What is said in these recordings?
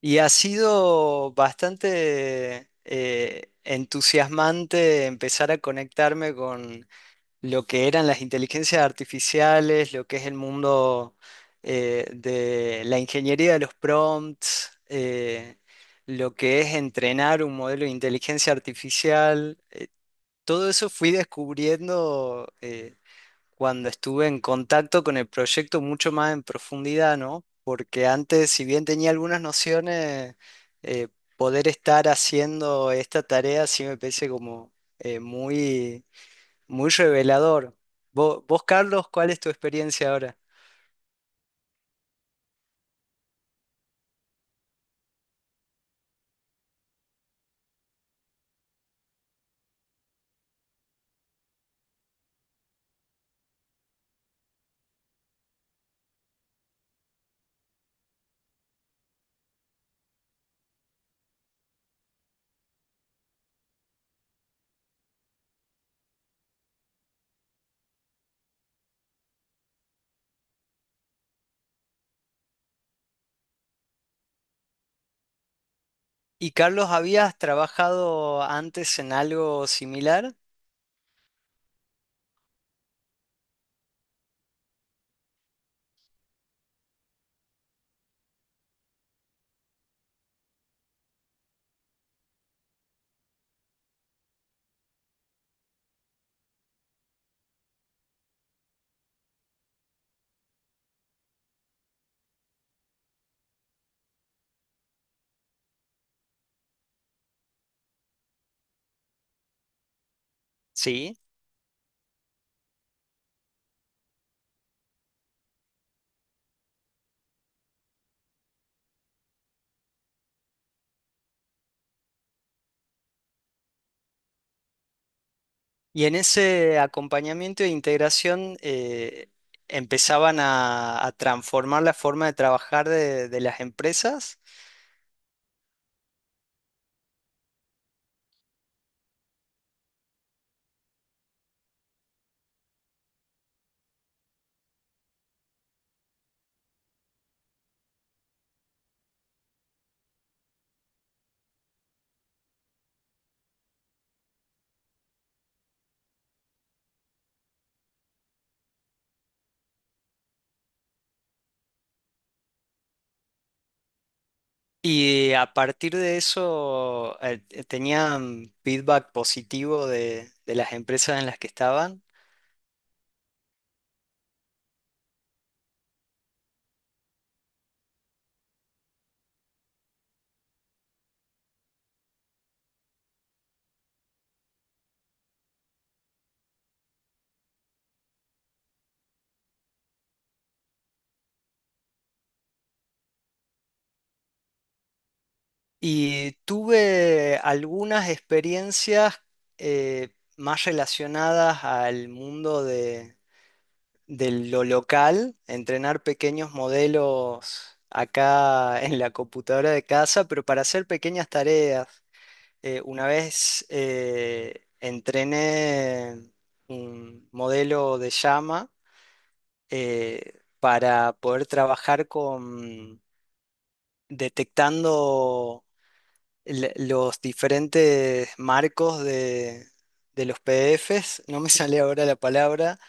Y ha sido bastante entusiasmante empezar a conectarme con lo que eran las inteligencias artificiales, lo que es el mundo de la ingeniería de los prompts, lo que es entrenar un modelo de inteligencia artificial. Todo eso fui descubriendo. Cuando estuve en contacto con el proyecto mucho más en profundidad, ¿no? Porque antes, si bien tenía algunas nociones, eh, poder estar haciendo esta tarea sí me parece como muy, muy revelador. Vos, Carlos, ¿cuál es tu experiencia ahora? ¿Y Carlos, habías trabajado antes en algo similar? Sí. Y en ese acompañamiento e integración empezaban a transformar la forma de trabajar de las empresas y a partir de eso tenían feedback positivo de las empresas en las que estaban. Y tuve algunas experiencias más relacionadas al mundo de lo local, entrenar pequeños modelos acá en la computadora de casa, pero para hacer pequeñas tareas. Una vez entrené un modelo de llama para poder trabajar con detectando los diferentes marcos de los PDFs. No me sale ahora la palabra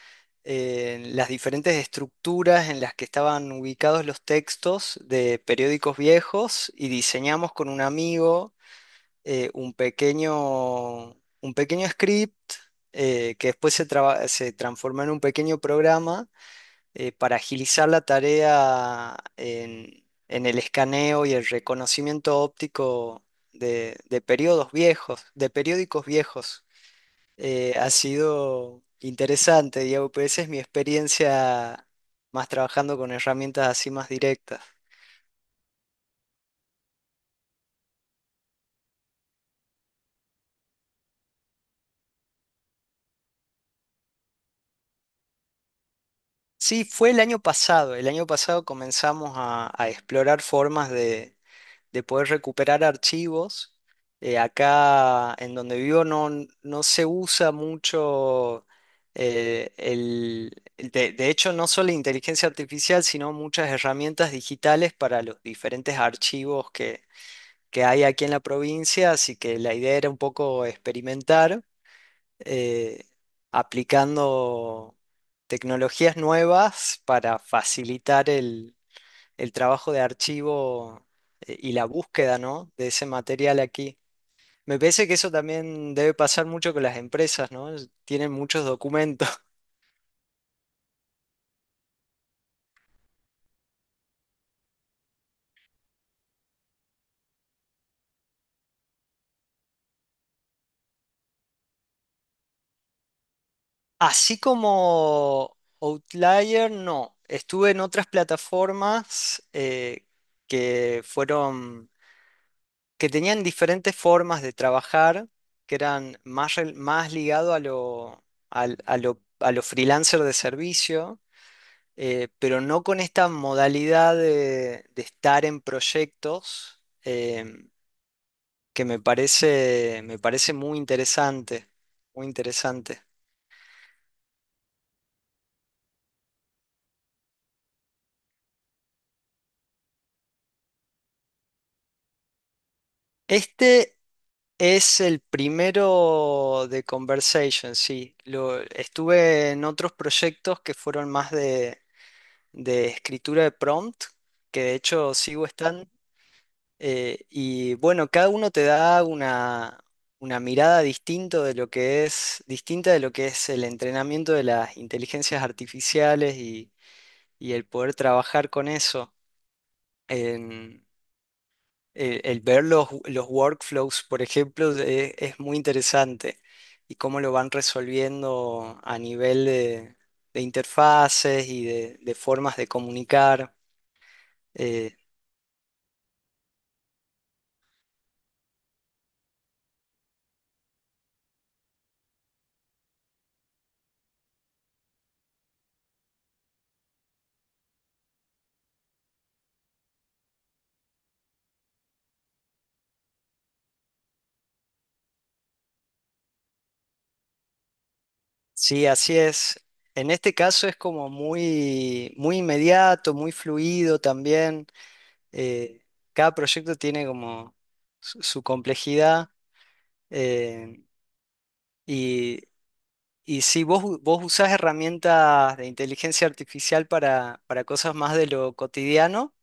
las diferentes estructuras en las que estaban ubicados los textos de periódicos viejos y diseñamos con un amigo eh, un pequeño, un pequeño script que después se transformó en un pequeño programa para agilizar la tarea en el escaneo y el reconocimiento óptico de periodos viejos, de periódicos viejos. Ha sido interesante, Diego, pues esa es mi experiencia más trabajando con herramientas así más directas. Sí, fue el año pasado. El año pasado comenzamos a explorar formas de poder recuperar archivos. Acá en donde vivo no se usa mucho eh, el... de hecho, no solo inteligencia artificial, sino muchas herramientas digitales para los diferentes archivos que hay aquí en la provincia, así que la idea era un poco experimentar eh, aplicando tecnologías nuevas para facilitar el trabajo de archivo y la búsqueda, ¿no? De ese material aquí. Me parece que eso también debe pasar mucho con las empresas, ¿no? Es- Tienen muchos documentos. Así como Outlier, no. Estuve en otras plataformas que fueron que tenían diferentes formas de trabajar, que eran más, más ligado a lo, al- a lo freelancer de servicio, pero no con esta modalidad de estar en proyectos, que me parece muy interesante, muy interesante. Este es el primero de Conversation, sí. Estuve en otros proyectos que fueron más de escritura de prompt, que de hecho sigo estando. Y bueno, cada uno te da una mirada distinto de lo que es, distinta de lo que es el entrenamiento de las inteligencias artificiales y el poder trabajar con eso. En- el ver los workflows, por ejemplo, es muy interesante y cómo lo van resolviendo a nivel de interfaces y de formas de comunicar. eh, Sí, así es. En este caso es como muy, muy inmediato, muy fluido también. Eh, cada proyecto tiene como su complejidad. eh, y, y sí, vos usás herramientas de inteligencia artificial para cosas más de lo cotidiano.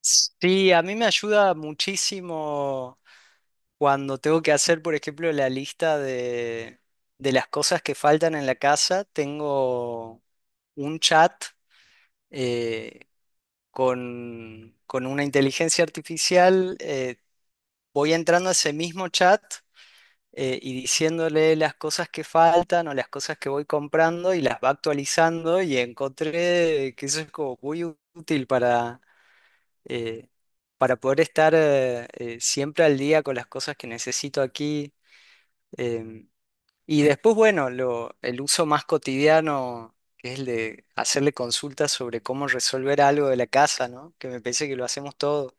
Sí, a mí me ayuda muchísimo cuando tengo que hacer, por ejemplo, la lista de las cosas que faltan en la casa. Tengo un chat eh, con una inteligencia artificial, voy entrando a ese mismo chat y diciéndole las cosas que faltan o las cosas que voy comprando y las va actualizando y encontré que eso es como muy útil eh, para poder estar siempre al día con las cosas que necesito aquí. em, y después, bueno, el uso más cotidiano, que es el de hacerle consultas sobre cómo resolver algo de la casa, ¿no? Que me parece que lo hacemos todo.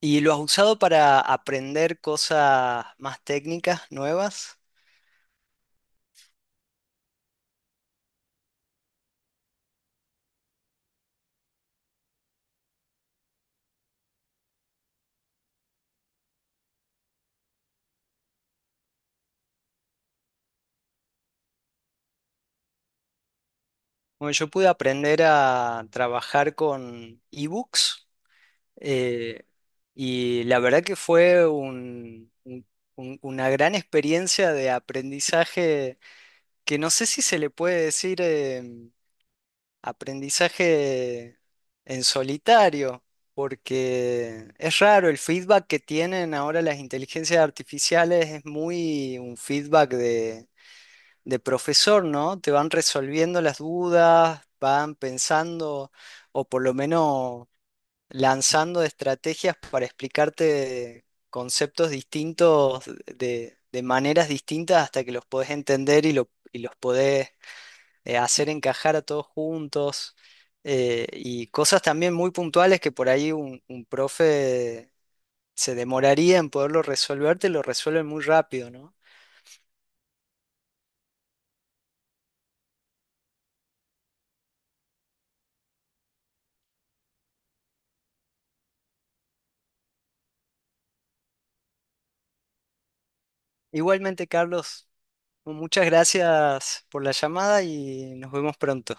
¿Y lo has usado para aprender cosas más técnicas, nuevas? Bueno, yo pude aprender a trabajar con ebooks eh, y la verdad que fue una gran experiencia de aprendizaje que no sé si se le puede decir... Aprendizaje en solitario, porque es raro, el feedback que tienen ahora las inteligencias artificiales es muy un feedback de profesor, ¿no? Te van resolviendo las dudas, van pensando o por lo menos lanzando estrategias para explicarte conceptos distintos de maneras distintas hasta que los podés entender y, y los podés hacer encajar a todos juntos y cosas también muy puntuales que por ahí un profe se demoraría en poderlo resolver, te lo resuelven muy rápido, ¿no? Igualmente, Carlos, muchas gracias por la llamada y nos vemos pronto.